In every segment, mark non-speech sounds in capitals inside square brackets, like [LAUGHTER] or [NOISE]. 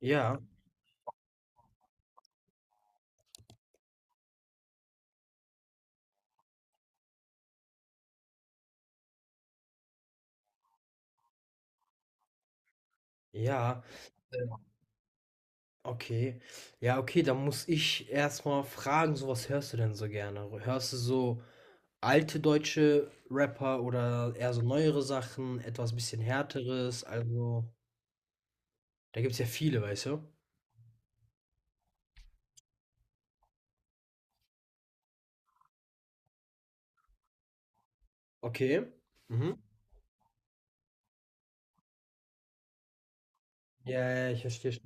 Ja, ja, okay. Ja, okay, dann muss ich erstmal fragen, so was hörst du denn so gerne? Hörst du so alte deutsche Rapper oder eher so neuere Sachen, etwas bisschen härteres? Also, da gibt's ja viele, weißt du? Okay. Mhm. Ja, ja, ja, ich verstehe.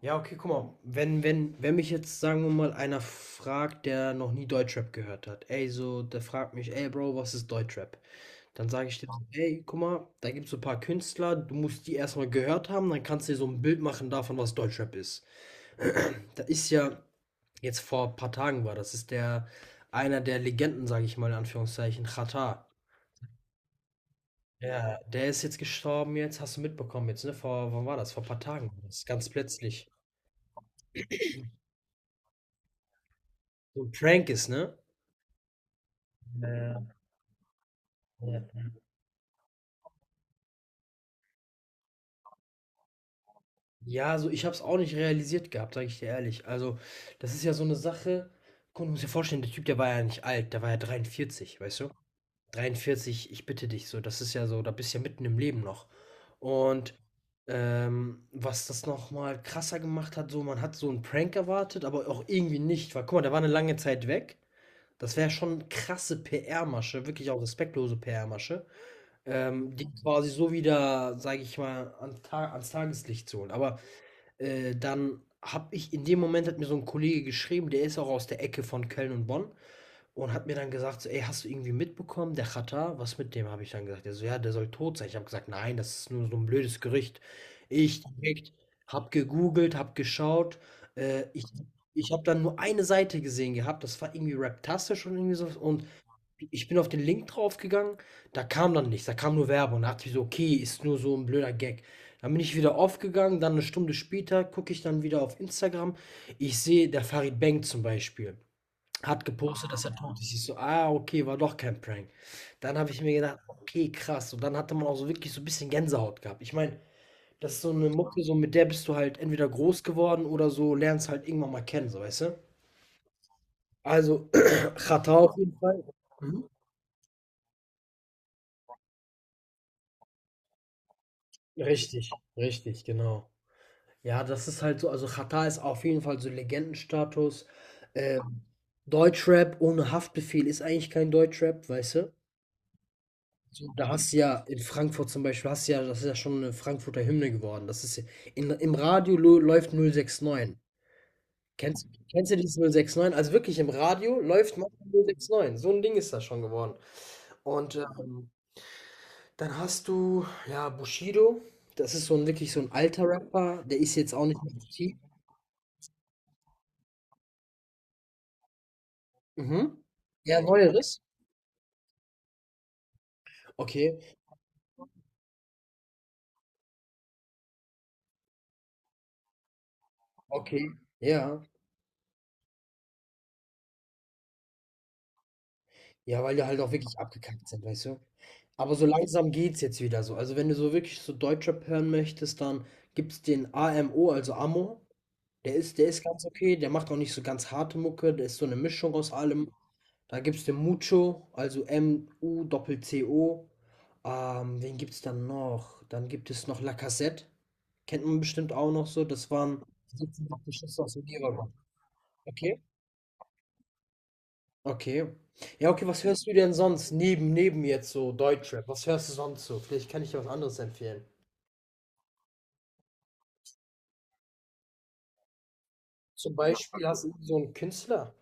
Ja, okay, guck mal, wenn mich jetzt, sagen wir mal, einer fragt, der noch nie Deutschrap gehört hat, ey, so, der fragt mich, ey, Bro, was ist Deutschrap? Dann sage ich dir so, ey, guck mal, da gibt es so ein paar Künstler, du musst die erstmal gehört haben, dann kannst du dir so ein Bild machen davon, was Deutschrap ist. Da ist ja, jetzt vor ein paar Tagen war, das ist der, einer der Legenden, sage ich mal, in Anführungszeichen, Xatar. Ja, der ist jetzt gestorben, jetzt hast du mitbekommen, jetzt, ne, vor, wann war das? Vor ein paar Tagen, war das, ist ganz plötzlich. So ein Prank ist, ne? Ja, ja. Ja, also ich habe es auch nicht realisiert gehabt, sage ich dir ehrlich. Also, das ist ja so eine Sache. Guck, du musst dir vorstellen, der Typ, der war ja nicht alt, der war ja 43, weißt du? 43, ich bitte dich, so, das ist ja so, da bist du ja mitten im Leben noch. Und was das nochmal krasser gemacht hat, so, man hat so einen Prank erwartet, aber auch irgendwie nicht, weil guck mal, der war eine lange Zeit weg. Das wäre schon krasse PR-Masche, wirklich auch respektlose PR-Masche, die quasi so wieder, sage ich mal, an, ans Tageslicht zu holen. Aber dann habe ich, in dem Moment hat mir so ein Kollege geschrieben, der ist auch aus der Ecke von Köln und Bonn und hat mir dann gesagt so: „Ey, hast du irgendwie mitbekommen, der Xatar, was mit dem?" Habe ich dann gesagt. Der so: „Ja, der soll tot sein." Ich habe gesagt: „Nein, das ist nur so ein blödes Gerücht." Ich direkt habe gegoogelt, habe geschaut. Äh, ich ich habe dann nur eine Seite gesehen gehabt, das war irgendwie Raptastisch und irgendwie so, und ich bin auf den Link draufgegangen, da kam dann nichts, da kam nur Werbung. Da dachte ich so: „Okay, ist nur so ein blöder Gag." Dann bin ich wieder aufgegangen, dann eine Stunde später gucke ich dann wieder auf Instagram. Ich sehe, der Farid Bang zum Beispiel hat gepostet, dass er, ah, tot ist. Ich so: „Ah, okay, war doch kein Prank." Dann habe ich mir gedacht: „Okay, krass." Und dann hatte man auch so wirklich so ein bisschen Gänsehaut gehabt. Ich meine, das ist so eine Mucke, so mit der bist du halt entweder groß geworden oder so, lernst halt irgendwann mal kennen, so, weißt du? Also, [CLEARS THROAT] Chata auf jeden Fall. Mhm. Richtig, richtig, genau. Ja, das ist halt so, also Xatar ist auf jeden Fall so Legendenstatus. Ähm, Deutschrap ohne Haftbefehl ist eigentlich kein Deutschrap, weißt du? So, da hast du ja in Frankfurt zum Beispiel, hast du ja, das ist ja schon eine Frankfurter Hymne geworden. Im Radio läuft 069. Kennst, kennst du dieses 069? Also wirklich im Radio läuft manchmal 069. So ein Ding ist das schon geworden. Und dann hast du, ja, Bushido. Das ist so ein wirklich so ein alter Rapper. Der ist jetzt auch nicht mehr aktiv. Mhm. Ja, neueres? Okay, okay, ja. Ja, weil die halt auch wirklich abgekackt sind, weißt du? Aber so langsam geht's jetzt wieder so. Also, wenn du so wirklich so Deutschrap hören möchtest, dann gibt's den AMO, also Amo. Der ist ganz okay, der macht auch nicht so ganz harte Mucke, der ist so eine Mischung aus allem. Da gibt's den Mucho, also M-U-Doppel-C-O. Wen gibt's dann noch? Dann gibt es noch Lacazette. Kennt man bestimmt auch noch so. Das waren 17 Schüsse aus dem Lehrer. Okay. Okay. Ja, okay, was hörst du denn sonst neben jetzt so Deutschrap? Was hörst du sonst so? Vielleicht kann ich dir was anderes empfehlen. Zum Beispiel hast du so einen Künstler.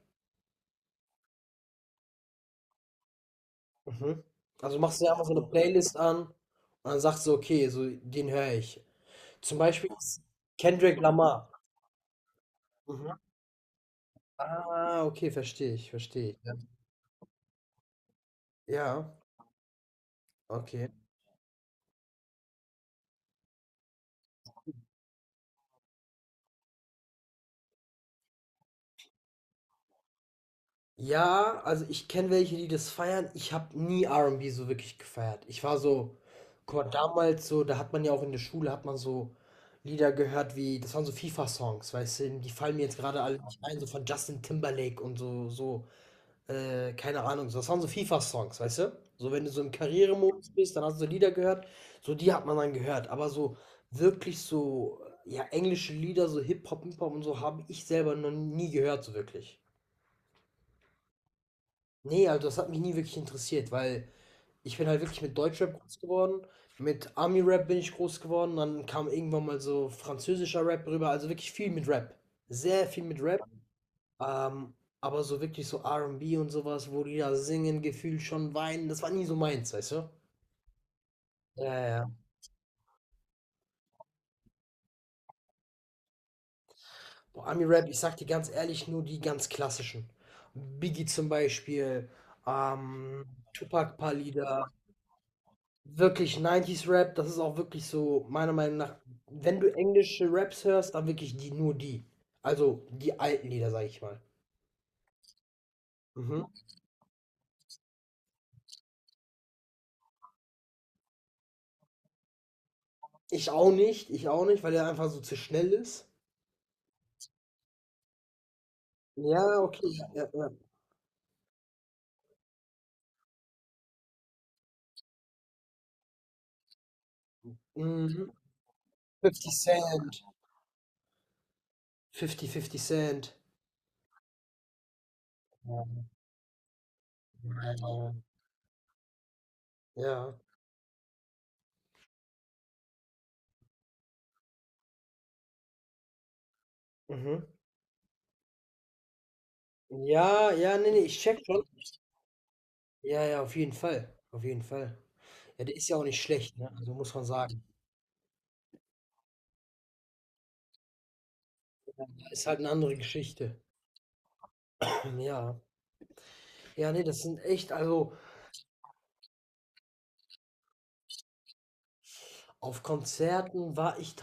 Mhm. Also machst du dir einfach so eine Playlist an und dann sagst du, okay, so den höre ich. Zum Beispiel ist Kendrick Lamar. Mhm. Ah, okay, verstehe ich, verstehe ich. Ja, ja, okay. Ja, also ich kenne welche, die das feiern. Ich habe nie R&B so wirklich gefeiert. Ich war so, guck mal, damals so, da hat man ja auch in der Schule, hat man so Lieder gehört wie, das waren so FIFA-Songs, weißt du, die fallen mir jetzt gerade alle nicht ein, so von Justin Timberlake und so, so. Keine Ahnung, das waren so FIFA-Songs, weißt du? So, wenn du so im Karrieremodus bist, dann hast du so Lieder gehört, so die hat man dann gehört. Aber so wirklich so, ja, englische Lieder, so Hip-Hop und so, habe ich selber noch nie gehört, so wirklich. Nee, also das hat mich nie wirklich interessiert, weil ich bin halt wirklich mit Deutschrap groß geworden, mit Army-Rap bin ich groß geworden, dann kam irgendwann mal so französischer Rap rüber, also wirklich viel mit Rap. Sehr viel mit Rap. Ähm, aber so wirklich so R&B und B und sowas, wo die da singen, Gefühl schon weinen, das war nie so meins, weißt du? Ja, ja, ja. Boah, Ami-Rap, ich sag dir ganz ehrlich, nur die ganz klassischen. Biggie zum Beispiel, ähm, Tupac, paar Lieder. Wirklich 90er rap, das ist auch wirklich so, meiner Meinung nach, wenn du englische Raps hörst, dann wirklich die, nur die. Also die alten Lieder, sag ich mal. Mhm. Ich auch nicht, weil er einfach so zu schnell ist. Ja, okay, ja, ja, ja. Mhm. Fifty Cent. Fifty Cent. Ja, aber. Ja. Mhm. Ja, ja, nee, nee, ich check schon. Ja, ja, auf jeden Fall. Auf jeden Fall. Ja, der ist ja auch nicht schlecht, ne? Also muss man sagen. Ja, ist halt eine andere Geschichte. Ja. Ja, nee, das sind echt, also auf Konzerten war ich,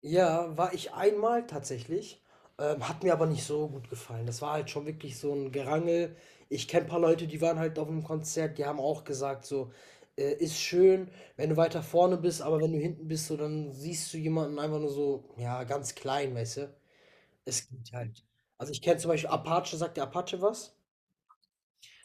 ja, war ich einmal tatsächlich, hat mir aber nicht so gut gefallen. Das war halt schon wirklich so ein Gerangel. Ich kenne ein paar Leute, die waren halt auf 'nem Konzert, die haben auch gesagt so: ist schön, wenn du weiter vorne bist, aber wenn du hinten bist, so, dann siehst du jemanden einfach nur so, ja, ganz klein", weißt du? Es geht halt. Also, ich kenne zum Beispiel Apache, sagt der Apache was?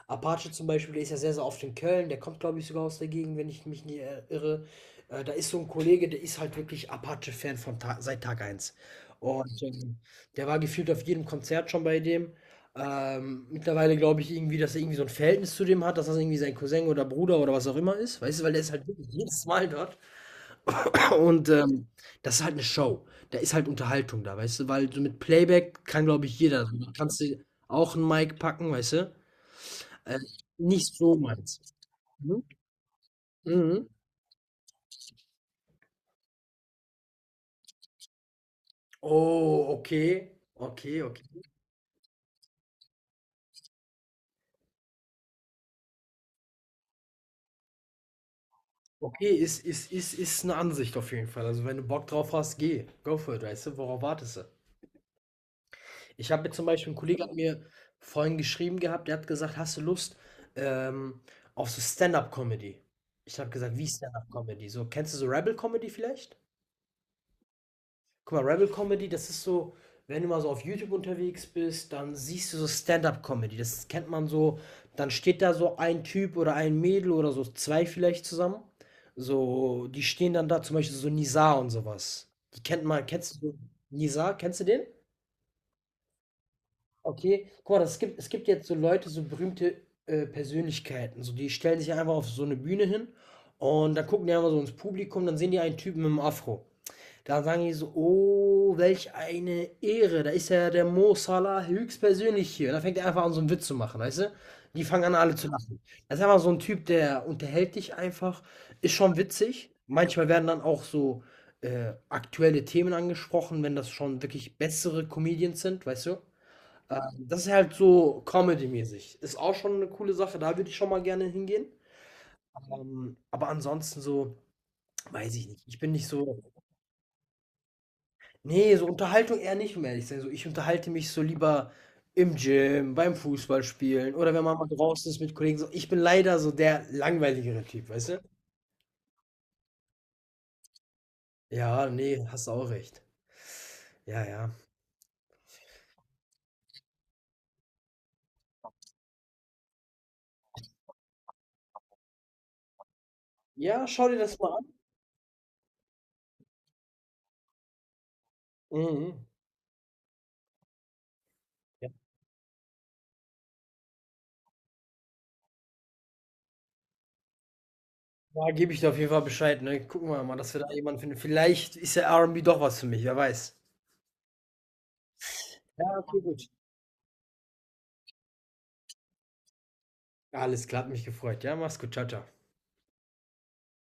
Apache zum Beispiel, der ist ja sehr, sehr oft in Köln, der kommt, glaube ich, sogar aus der Gegend, wenn ich mich nicht irre. Da ist so ein Kollege, der ist halt wirklich Apache-Fan von Ta seit Tag eins. Und der war gefühlt auf jedem Konzert schon bei dem. Mittlerweile glaube ich irgendwie, dass er irgendwie so ein Verhältnis zu dem hat, dass das irgendwie sein Cousin oder Bruder oder was auch immer ist. Weißt du, weil der ist halt wirklich jedes Mal dort. Und das ist halt eine Show. Da ist halt Unterhaltung da, weißt du, weil so mit Playback kann, glaube ich, jeder. Du kannst dir auch einen Mic packen, weißt du. Äh, Nicht so meins. Mhm, mhm. Oh, okay. Okay, okay. Okay, ist eine Ansicht auf jeden Fall. Also, wenn du Bock drauf hast, geh. Go for it, weißt du? Worauf wartest du? Ich habe jetzt, zum Beispiel, ein Kollege hat mir vorhin geschrieben gehabt, der hat gesagt: „Hast du Lust, ähm, auf so Stand-up Comedy?" Ich habe gesagt: „Wie Stand-up Comedy?" So, kennst du so Rebel Comedy vielleicht? Guck mal, Rebel Comedy, das ist so, wenn du mal so auf YouTube unterwegs bist, dann siehst du so Stand-up-Comedy. Das kennt man so. Dann steht da so ein Typ oder ein Mädel oder so zwei vielleicht zusammen. So, die stehen dann da, zum Beispiel so Nizar und sowas. Die kennt man, kennst du so Nizar? Kennst du den? Okay, guck mal, das gibt, es gibt jetzt so Leute, so berühmte Persönlichkeiten. So, die stellen sich einfach auf so eine Bühne hin und dann gucken die einfach so ins Publikum, dann sehen die einen Typen mit einem Afro. Da sagen die so: „Oh, welch eine Ehre, da ist ja der Mo Salah höchstpersönlich hier." Und dann fängt er einfach an, so einen Witz zu machen, weißt du? Die fangen an, alle zu lachen. Das ist einfach so ein Typ, der unterhält dich einfach, ist schon witzig. Manchmal werden dann auch so, aktuelle Themen angesprochen, wenn das schon wirklich bessere Comedians sind, weißt du? Das ist halt so Comedy-mäßig. Ist auch schon eine coole Sache, da würde ich schon mal gerne hingehen. Aber ansonsten so, weiß ich nicht. Ich bin nicht so. Nee, so Unterhaltung eher nicht, um ehrlich zu sein. So, ich unterhalte mich so lieber im Gym, beim Fußballspielen oder wenn man mal draußen ist mit Kollegen. So, ich bin leider so der langweiligere Typ, weißt du? Ja, nee, hast auch recht. Ja, ja. Ja, schau dir das mal an. Mhm, mhm. Ja, da gebe ich dir auf jeden Fall Bescheid, ne? Gucken wir mal, dass wir da jemanden finden. Vielleicht ist ja R und B doch was für mich, wer weiß. Ja, okay, gut. Alles klar, hat mich gefreut. Ja, mach's gut. Ciao, ciao.